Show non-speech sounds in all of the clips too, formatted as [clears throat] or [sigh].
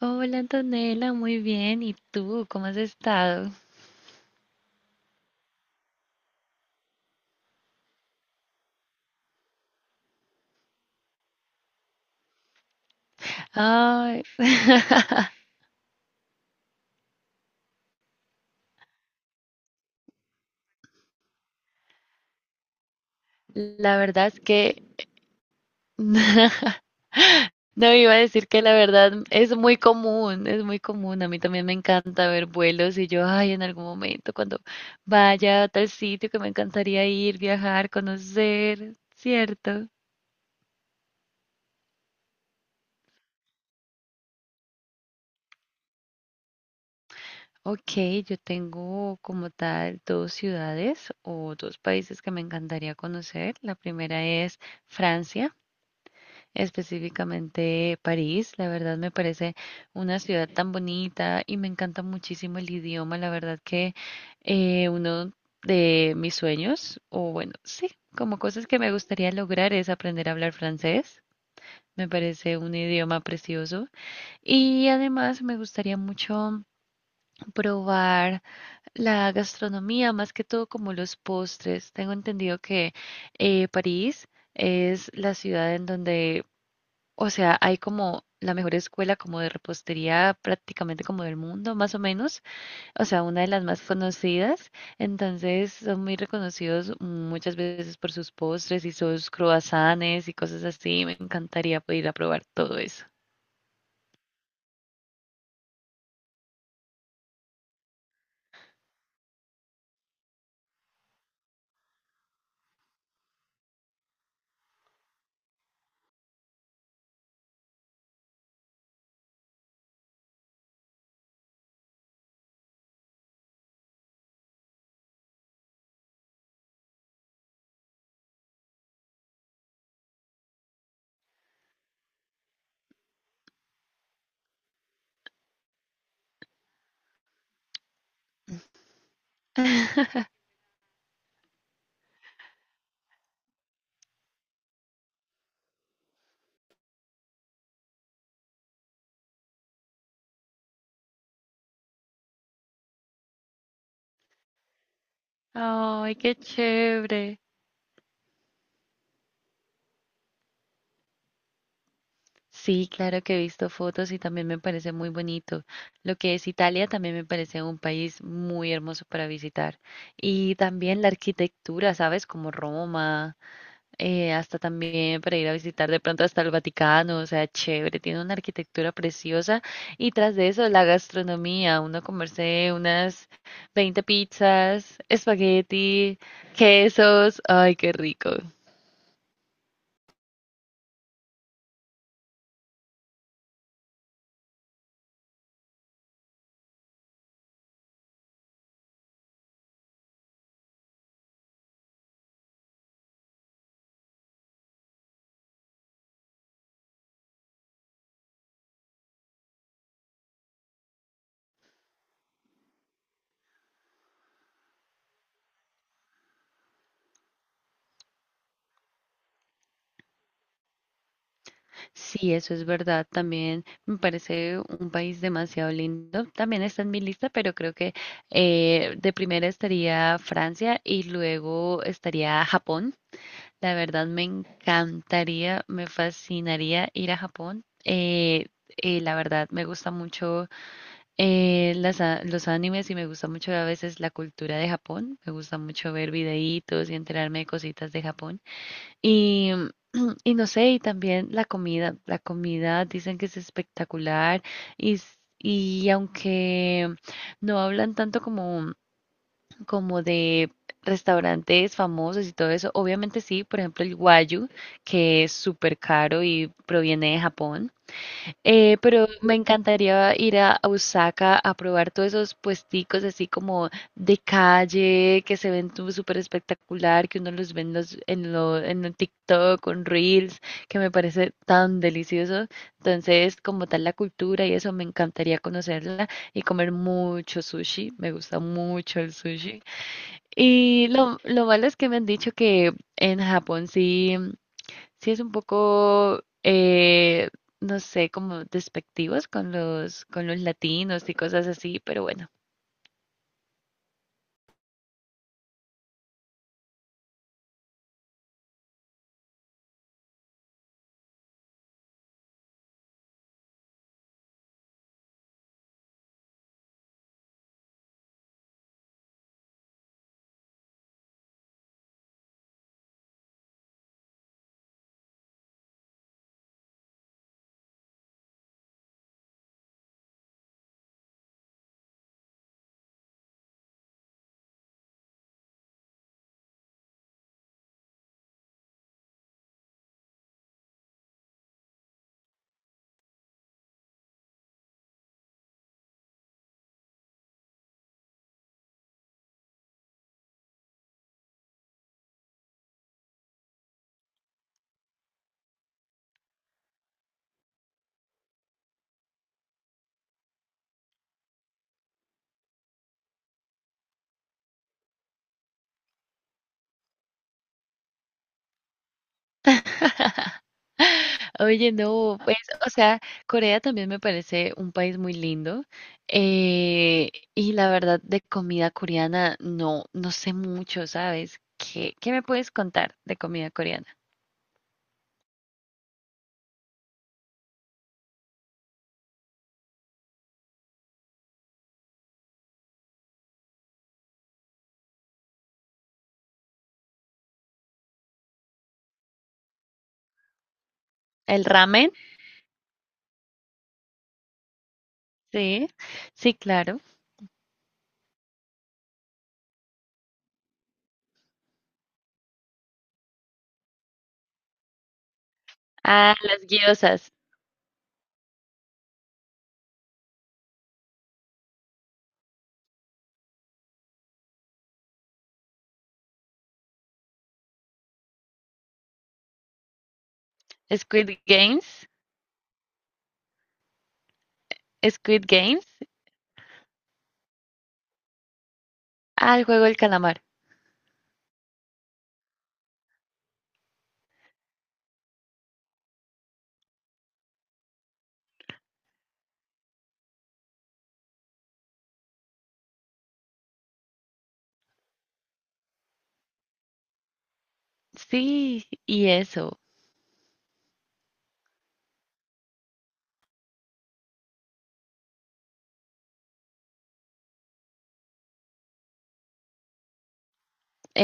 Hola Antonella, muy bien. ¿Y tú? ¿Cómo has estado? Ay, [laughs] la verdad es que [laughs] no iba a decir que la verdad es muy común, es muy común. A mí también me encanta ver vuelos y yo, ay, en algún momento cuando vaya a tal sitio que me encantaría ir, viajar, conocer, ¿cierto? Ok, yo tengo como tal dos ciudades o dos países que me encantaría conocer. La primera es Francia, específicamente París. La verdad me parece una ciudad tan bonita y me encanta muchísimo el idioma. La verdad que uno de mis sueños, o bueno, sí, como cosas que me gustaría lograr es aprender a hablar francés. Me parece un idioma precioso. Y además me gustaría mucho probar la gastronomía, más que todo como los postres. Tengo entendido que París es la ciudad en donde, o sea, hay como la mejor escuela como de repostería prácticamente como del mundo, más o menos. O sea, una de las más conocidas. Entonces, son muy reconocidos muchas veces por sus postres y sus croissants y cosas así. Me encantaría poder ir a probar todo eso. [laughs] Ay, qué chévere. Sí, claro que he visto fotos y también me parece muy bonito. Lo que es Italia también me parece un país muy hermoso para visitar. Y también la arquitectura, ¿sabes? Como Roma. Hasta también para ir a visitar de pronto hasta el Vaticano, o sea, chévere, tiene una arquitectura preciosa y tras de eso la gastronomía, uno comerse unas 20 pizzas, espagueti, quesos, ay, qué rico. Sí, eso es verdad, también me parece un país demasiado lindo, también está en mi lista, pero creo que de primera estaría Francia y luego estaría Japón. La verdad me encantaría, me fascinaría ir a Japón. La verdad me gusta mucho los animes y me gusta mucho a veces la cultura de Japón. Me gusta mucho ver videitos y enterarme de cositas de Japón. Y, [clears throat] y no sé, y también la comida. La comida dicen que es espectacular y aunque no hablan tanto como de restaurantes famosos y todo eso. Obviamente sí, por ejemplo el Wagyu, que es súper caro y proviene de Japón. Pero me encantaría ir a Osaka a probar todos esos puesticos así como de calle, que se ven súper espectacular, que uno los ve en los, en lo, en el TikTok con Reels, que me parece tan delicioso. Entonces, como tal la cultura y eso, me encantaría conocerla y comer mucho sushi. Me gusta mucho el sushi. Y lo malo es que me han dicho que en Japón sí, sí es un poco, no sé, como despectivos con los latinos y cosas así, pero bueno. [laughs] Oye, no, pues, o sea, Corea también me parece un país muy lindo. Y la verdad, de comida coreana, no, no sé mucho, ¿sabes? ¿Qué me puedes contar de comida coreana? ¿El ramen? Sí, sí, claro. Ah, las guiosas. Squid Games. Squid Games. Ah, el juego del calamar. Sí, y eso.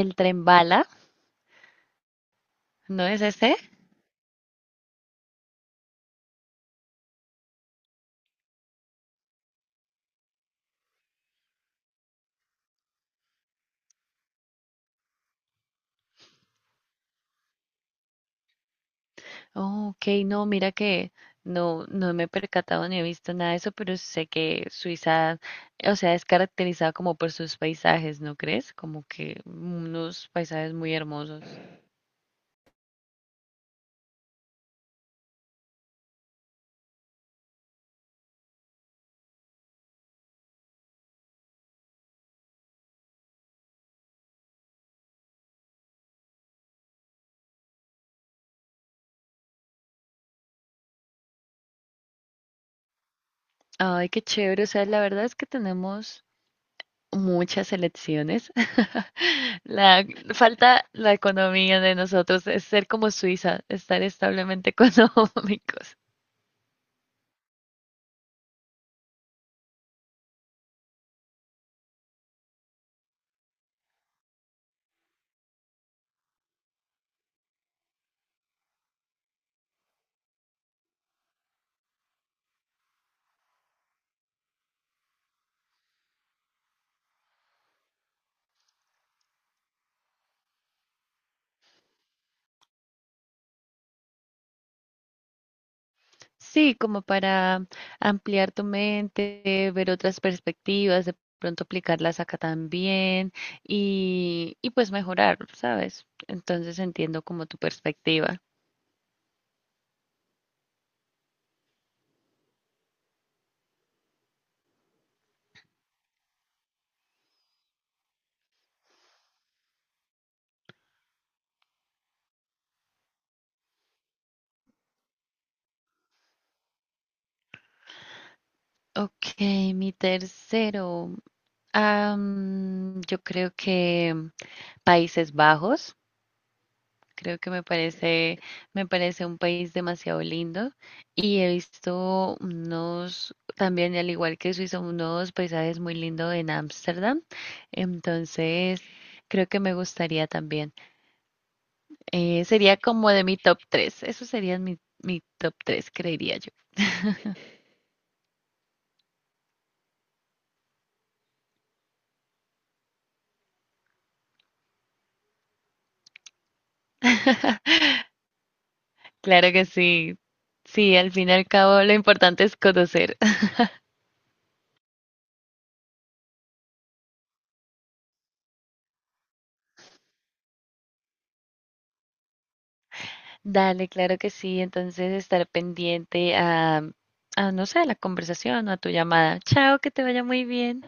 El tren bala. ¿No es ese? Oh, ok, no, mira que no, no me he percatado ni he visto nada de eso, pero sé que Suiza, o sea, es caracterizada como por sus paisajes, ¿no crees? Como que unos paisajes muy hermosos. Ay, qué chévere. O sea, la verdad es que tenemos muchas elecciones. [laughs] La falta la economía de nosotros es ser como Suiza, estar establemente [laughs] económicos. Sí, como para ampliar tu mente, ver otras perspectivas, de pronto aplicarlas acá también y pues mejorar, ¿sabes? Entonces entiendo como tu perspectiva. Ok, mi tercero. Yo creo que Países Bajos. Creo que me parece un país demasiado lindo y he visto unos, también al igual que Suiza, unos paisajes muy lindos en Ámsterdam. Entonces, creo que me gustaría también. Sería como de mi top tres. Eso sería mi, mi top tres, creería yo. [laughs] Claro que sí. Sí, al fin y al cabo lo importante es conocer. Dale, claro que sí. Entonces, estar pendiente a, no sé, a la conversación o a tu llamada. Chao, que te vaya muy bien.